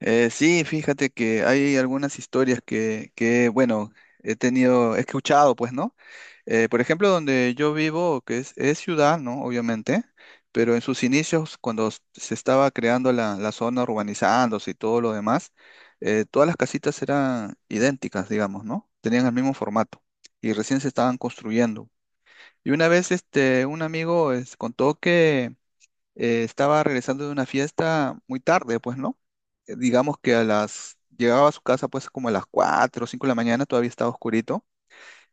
Sí, fíjate que hay algunas historias que, bueno, he escuchado, pues, ¿no? Por ejemplo, donde yo vivo, que es ciudad, ¿no? Obviamente, pero en sus inicios, cuando se estaba creando la zona, urbanizándose y todo lo demás, todas las casitas eran idénticas, digamos, ¿no? Tenían el mismo formato y recién se estaban construyendo. Y una vez, un amigo, contó que estaba regresando de una fiesta muy tarde, pues, ¿no? Digamos que llegaba a su casa pues como a las 4 o 5 de la mañana, todavía estaba oscurito,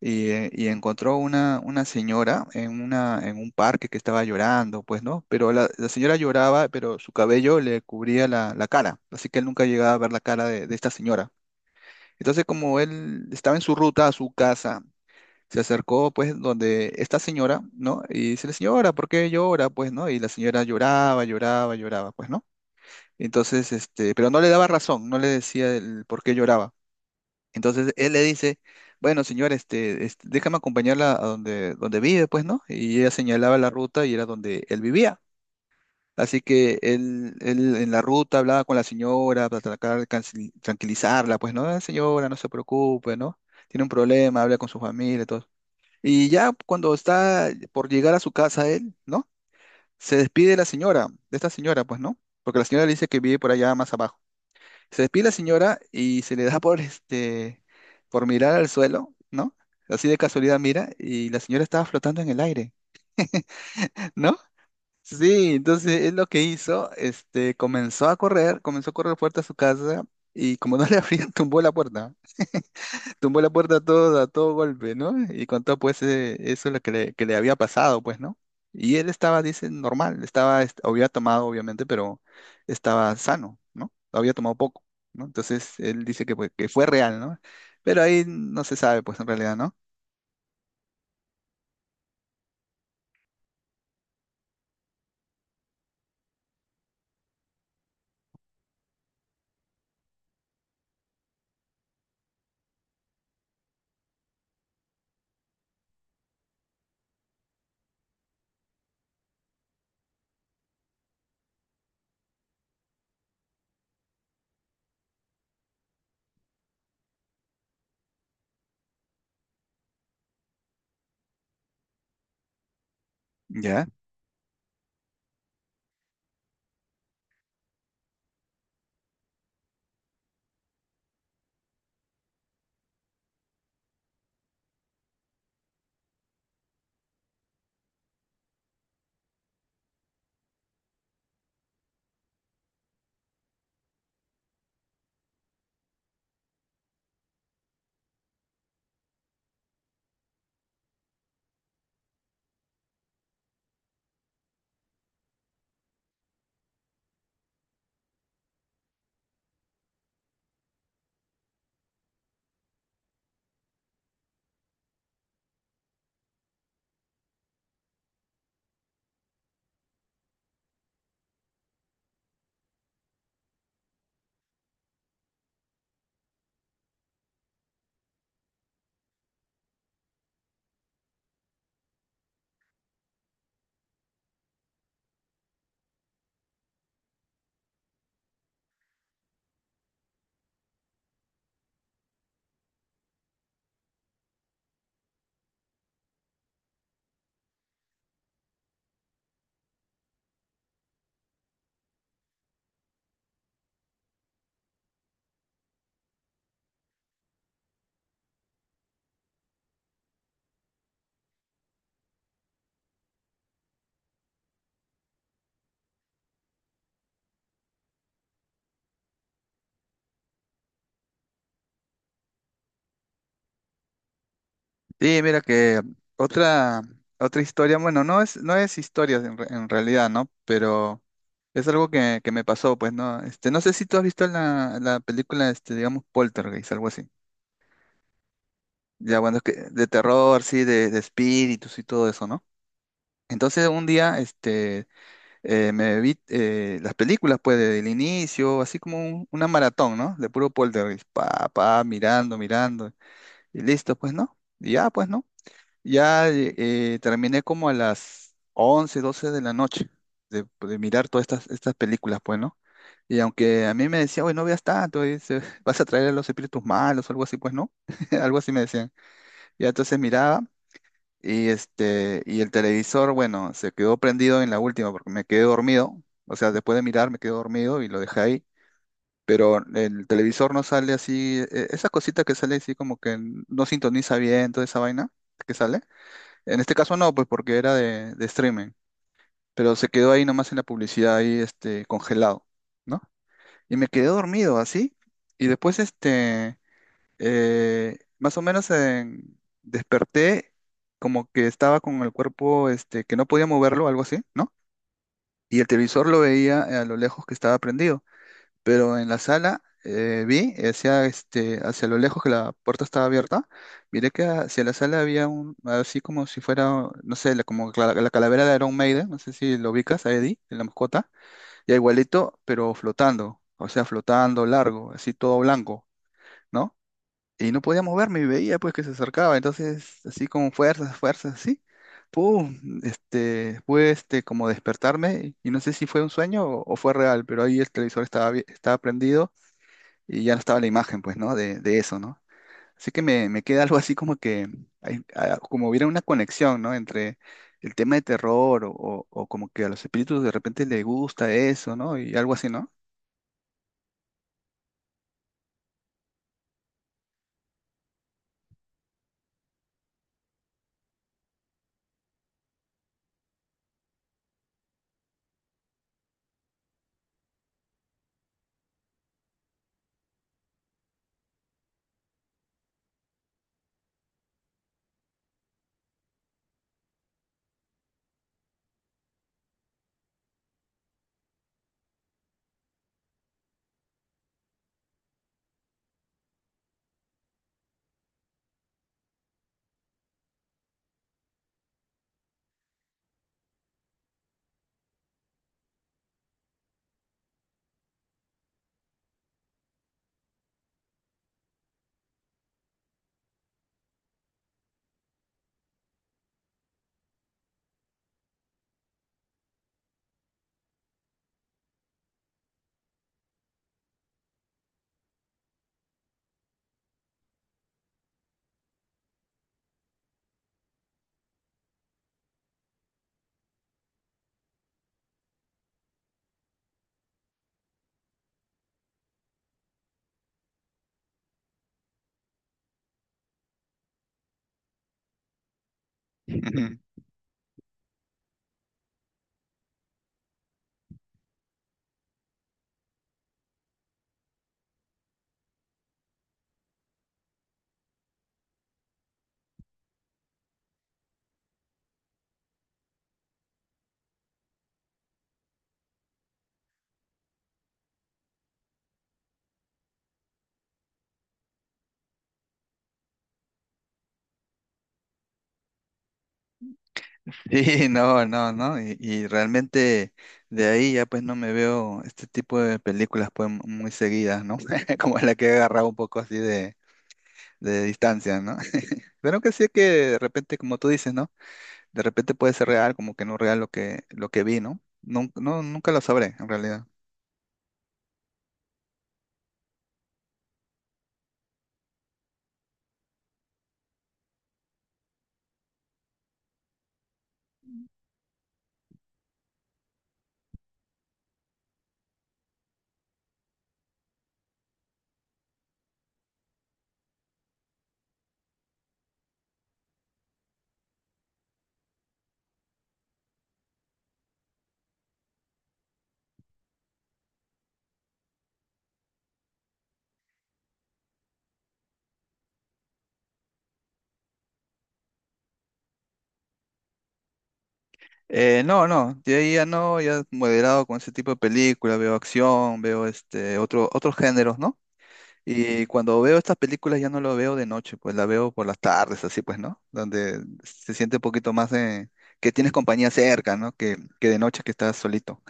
y encontró una señora en un parque que estaba llorando, pues, ¿no? Pero la señora lloraba, pero su cabello le cubría la cara, así que él nunca llegaba a ver la cara de esta señora. Entonces, como él estaba en su ruta a su casa se acercó, pues, donde esta señora, ¿no? Y dice, señora, ¿por qué llora? Pues, ¿no? Y la señora lloraba, lloraba, lloraba, pues, ¿no? Entonces, pero no le daba razón, no le decía el por qué lloraba. Entonces, él le dice, bueno, señora, déjame acompañarla a donde vive, pues, ¿no? Y ella señalaba la ruta y era donde él vivía. Así que él en la ruta hablaba con la señora para tratar de tranquilizarla, pues, ¿no? "Ah, señora, no se preocupe, ¿no? Tiene un problema, habla con su familia, todo. Y ya cuando está por llegar a su casa él, ¿no? Se despide de la señora, de esta señora, pues, ¿no? Porque la señora le dice que vive por allá más abajo. Se despide la señora y se le da por mirar al suelo, ¿no? Así de casualidad mira y la señora estaba flotando en el aire, ¿no? Sí, entonces es lo que hizo, comenzó a correr fuerte a su casa y como no le abrían, tumbó la puerta. Tumbó la puerta a todo golpe, ¿no? Y contó pues eso lo que le había pasado, pues, ¿no? Y él estaba, dice, normal, había tomado, obviamente, pero estaba sano, ¿no? Había tomado poco, ¿no? Entonces él dice que, pues, que fue real, ¿no? Pero ahí no se sabe, pues, en realidad, ¿no? Ya. Sí, mira que otra, otra historia, bueno, no es historia en realidad, ¿no? Pero es algo que me pasó, pues, ¿no? No sé si tú has visto la película, digamos, Poltergeist, algo así. Ya, bueno, es que de terror, sí, de espíritus y todo eso, ¿no? Entonces un día, me vi las películas, pues, desde el inicio, así como una maratón, ¿no? De puro poltergeist, mirando, mirando, y listo, pues, ¿no? Y ya, pues, ¿no? Ya terminé como a las 11 12 de la noche de mirar todas estas películas, pues, ¿no? Y aunque a mí me decían, oye, no veas tanto, dice, vas a traer a los espíritus malos o algo así, pues, ¿no? Algo así me decían. Y entonces miraba. Y el televisor, bueno, se quedó prendido en la última porque me quedé dormido. O sea, después de mirar me quedé dormido y lo dejé ahí. Pero el televisor no sale así, esa cosita que sale así como que no sintoniza bien toda esa vaina que sale. En este caso no, pues porque era de streaming. Pero se quedó ahí nomás en la publicidad, ahí congelado, ¿no? Y me quedé dormido así. Y después más o menos desperté como que estaba con el cuerpo que no podía moverlo, algo así, ¿no? Y el televisor lo veía a lo lejos que estaba prendido, pero en la sala vi hacia lo lejos que la puerta estaba abierta, miré que hacia la sala había un, así como si fuera, no sé, como la calavera de Iron Maiden, no sé si lo ubicas a Eddie, de la mascota, ya igualito, pero flotando, o sea, flotando largo, así todo blanco. ¿No? Y no podía moverme y veía pues que se acercaba, entonces así con fuerzas, fuerzas, así, pum, pude como despertarme y no sé si fue un sueño o fue real, pero ahí el televisor estaba, estaba prendido y ya no estaba la imagen pues, ¿no? De eso, ¿no? Así que me queda algo así como que, como hubiera una conexión, ¿no? Entre el tema de terror o como que a los espíritus de repente les gusta eso, ¿no? Y algo así, ¿no? Sí, no, no, no, y realmente de ahí ya pues no me veo este tipo de películas pues muy seguidas, ¿no? Como la que he agarrado un poco así de distancia, ¿no? Pero que sí que de repente, como tú dices, ¿no? De repente puede ser real, como que no real lo que vi, ¿no? Nunca lo sabré, en realidad. No, no, de ahí ya no, ya moderado con ese tipo de películas, veo acción, veo otros géneros, ¿no? Y cuando veo estas películas ya no lo veo de noche, pues la veo por las tardes, así pues, ¿no? Donde se siente un poquito más de que tienes compañía cerca, ¿no? Que de noche que estás solito.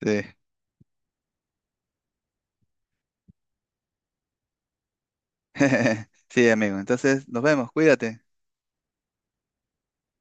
Sí. Sí, amigo. Entonces, nos vemos. Cuídate.